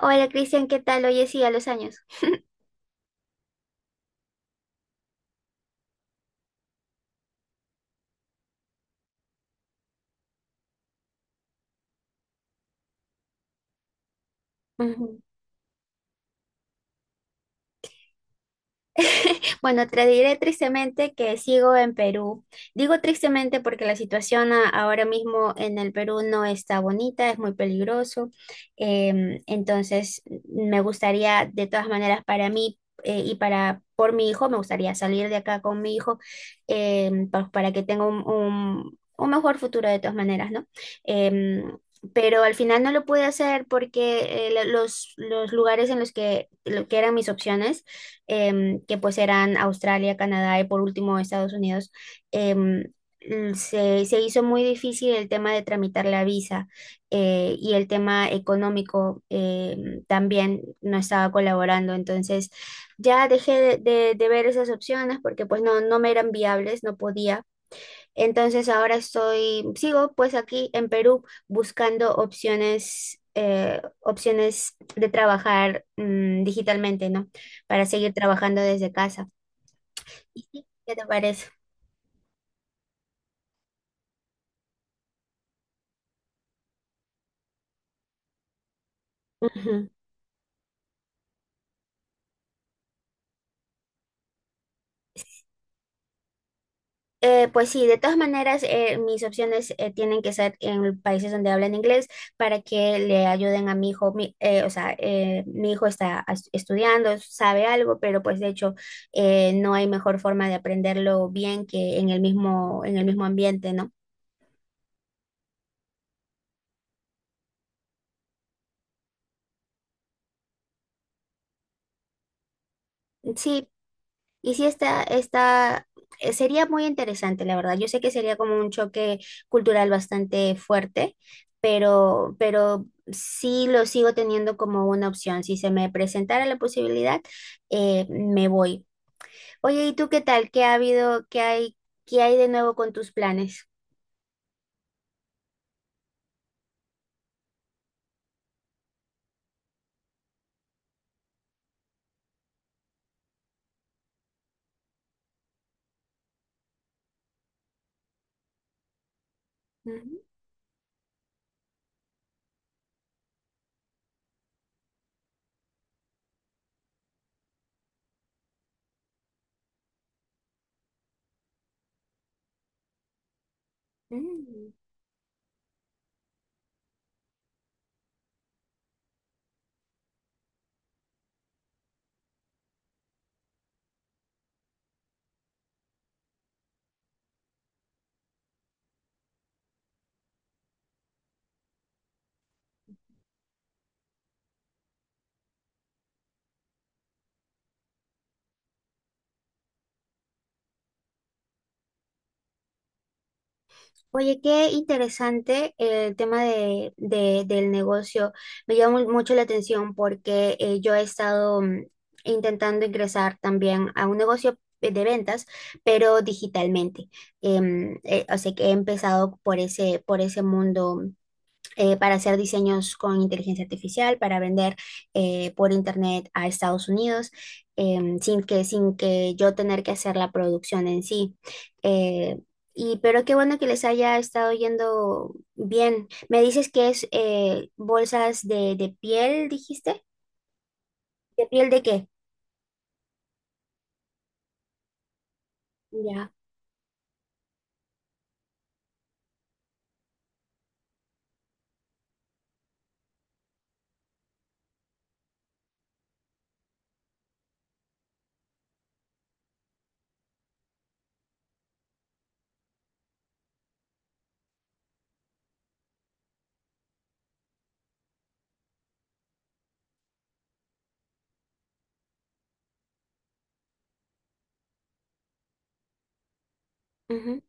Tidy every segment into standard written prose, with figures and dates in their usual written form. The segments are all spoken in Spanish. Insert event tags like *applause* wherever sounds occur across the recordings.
Hola Cristian, ¿qué tal? Oye, sí, a los años. *laughs* Ujú. *laughs* Bueno, te diré tristemente que sigo en Perú. Digo tristemente porque la situación ahora mismo en el Perú no está bonita, es muy peligroso. Entonces, me gustaría, de todas maneras, para mí y para por mi hijo, me gustaría salir de acá con mi hijo para que tenga un, un mejor futuro de todas maneras, ¿no? Em, pero al final no lo pude hacer porque los lugares lo que eran mis opciones que pues eran Australia, Canadá y por último Estados Unidos, em, se hizo muy difícil el tema de tramitar la visa y el tema económico también no estaba colaborando. Entonces ya dejé de, de ver esas opciones porque pues no me eran viables, no podía. Entonces ahora sigo pues aquí en Perú buscando opciones de trabajar digitalmente, ¿no? Para seguir trabajando desde casa. ¿Y sí, qué te parece? Ujú. Pues sí, de todas maneras, mis opciones tienen que ser en países donde hablan inglés para que le ayuden a mi hijo. O sea, mi hijo está estudiando, sabe algo, pero pues de hecho no hay mejor forma de aprenderlo bien que en el mismo ambiente, ¿no? Sí. Y sí, sería muy interesante, la verdad. Yo sé que sería como un choque cultural bastante fuerte, pero sí lo sigo teniendo como una opción. Si se me presentara la posibilidad, me voy. Oye, ¿y tú qué tal? ¿Qué ha habido? ¿Qué hay? ¿Qué hay de nuevo con tus planes? Ujú. Mm. Oye, qué interesante el tema de, del negocio. Me llama mucho la atención porque yo he estado intentando ingresar también a un negocio de ventas, pero digitalmente. O sea que he empezado por ese mundo para hacer diseños con inteligencia artificial, para vender por internet a Estados Unidos, sin que yo tener que hacer la producción en sí. Eh, y pero qué bueno que les haya estado yendo bien. Me dices que es bolsas de piel, dijiste. ¿De piel de qué? Ya. Ujú.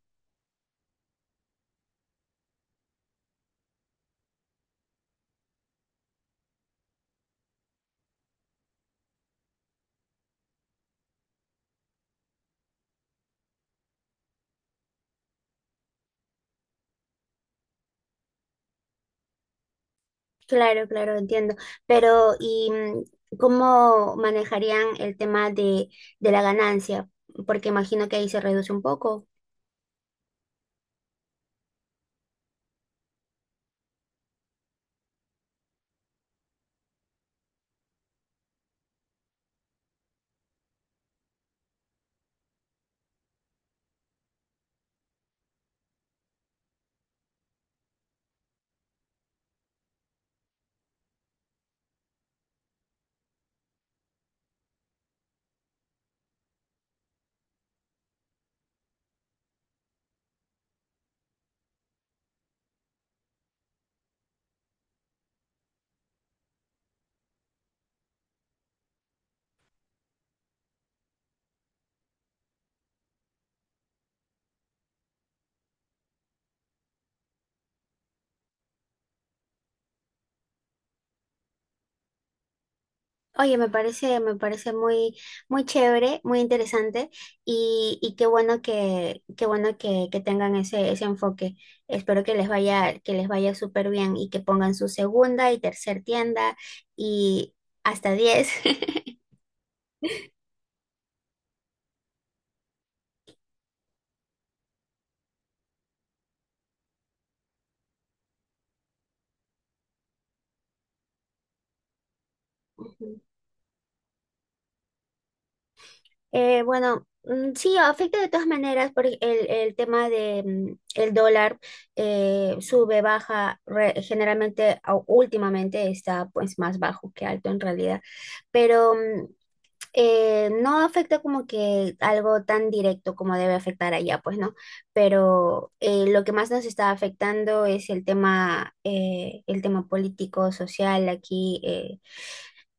Claro, claro, entiendo. Pero, ¿y cómo manejarían el tema de la ganancia? Porque imagino que ahí se reduce un poco. Oye, me parece muy, muy chévere, muy interesante y qué bueno que tengan ese enfoque. Espero que les vaya súper bien y que pongan su segunda y tercer tienda y hasta 10. *laughs* Ujú. Bueno, sí, afecta de todas maneras por el tema de el dólar sube, baja, generalmente últimamente está pues más bajo que alto en realidad, pero no afecta como que algo tan directo como debe afectar allá, pues no, pero lo que más nos está afectando es el tema político, social aquí.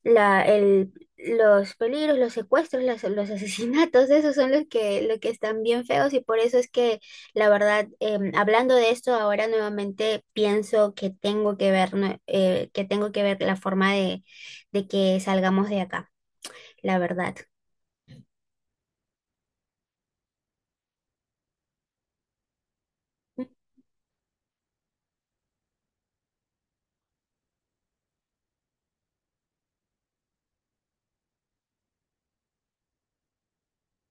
la, el, los peligros, los secuestros, los *laughs* asesinatos, esos son lo que están bien feos y por eso es que la verdad, hablando de esto, ahora nuevamente pienso que tengo que ver la forma de que salgamos de acá, la verdad.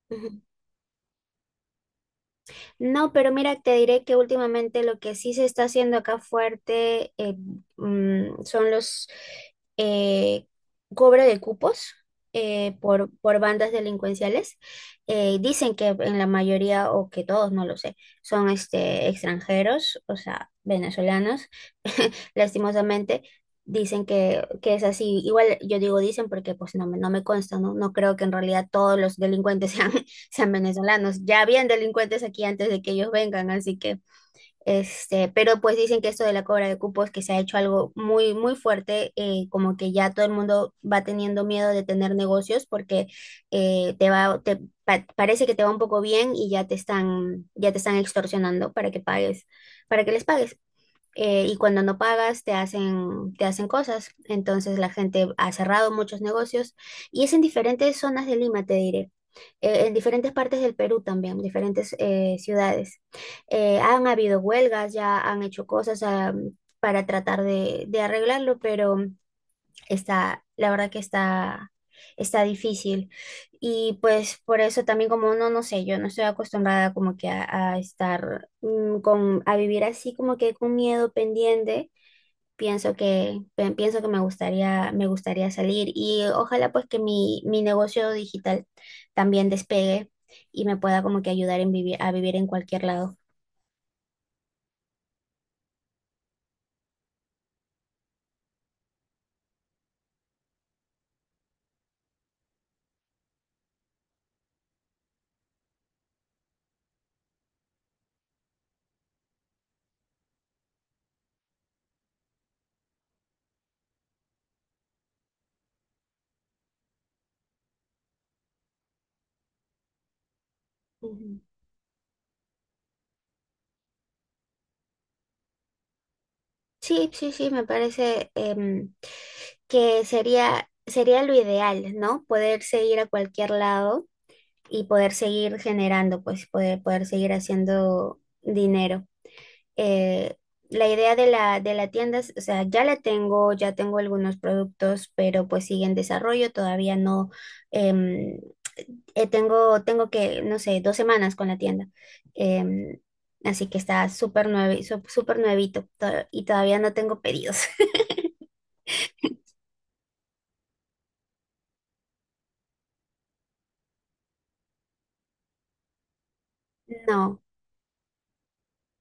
*laughs* No, pero mira, te diré que últimamente lo que sí se está haciendo acá fuerte son los eh, cobro de cupos por bandas delincuenciales. Dicen que en la mayoría, o que todos, no lo sé, son extranjeros, o sea, venezolanos, *laughs* lastimosamente. Dicen que es así. Igual yo digo dicen porque pues no me consta, ¿no? No creo que en realidad todos los delincuentes *laughs* sean venezolanos. Ya habían delincuentes aquí antes de que ellos vengan, así que, pero pues dicen que esto de la cobra de cupos, que se ha hecho algo muy, muy fuerte, como que ya todo el mundo va teniendo miedo de tener negocios porque te va, te pa- parece que te va un poco bien y ya te están extorsionando para que pagues, para que les pagues. Y cuando no pagas te hacen cosas. Entonces la gente ha cerrado muchos negocios y es en diferentes zonas de Lima, te diré en diferentes partes del Perú también, diferentes ciudades. Han habido huelgas, ya han hecho cosas para tratar de arreglarlo, pero la verdad que está difícil. Y pues por eso también como uno, no sé, yo no estoy acostumbrada como que a estar a vivir así como que con miedo pendiente. Pienso que me gustaría salir y ojalá pues que mi negocio digital también despegue y me pueda como que ayudar a vivir en cualquier lado. Ujú. Sí, sí, sí, me parece que sería lo ideal, ¿no? Poderse ir a cualquier lado y poder seguir generando, pues poder seguir haciendo dinero. eh, la idea de la tienda, o sea, ya la tengo, ya tengo algunos productos, pero pues sigue en desarrollo, todavía no, em, tengo que, no sé, 2 semanas con la tienda. Em, así que está súper nuevito y todavía no tengo pedidos. *laughs* No,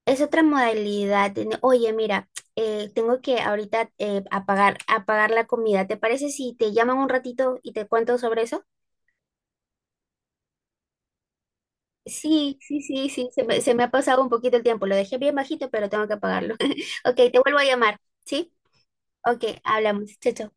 es otra modalidad. De no- Oye, mira, tengo que ahorita apagar la comida. ¿Te parece si te llaman un ratito y te cuento sobre eso? Sí, sí, sí, sí, se me ha pasado un poquito el tiempo. Lo dejé bien bajito, pero tengo que apagarlo. *laughs* Ok, te vuelvo a llamar, ¿sí? Ok, hablamos. Chao, chao.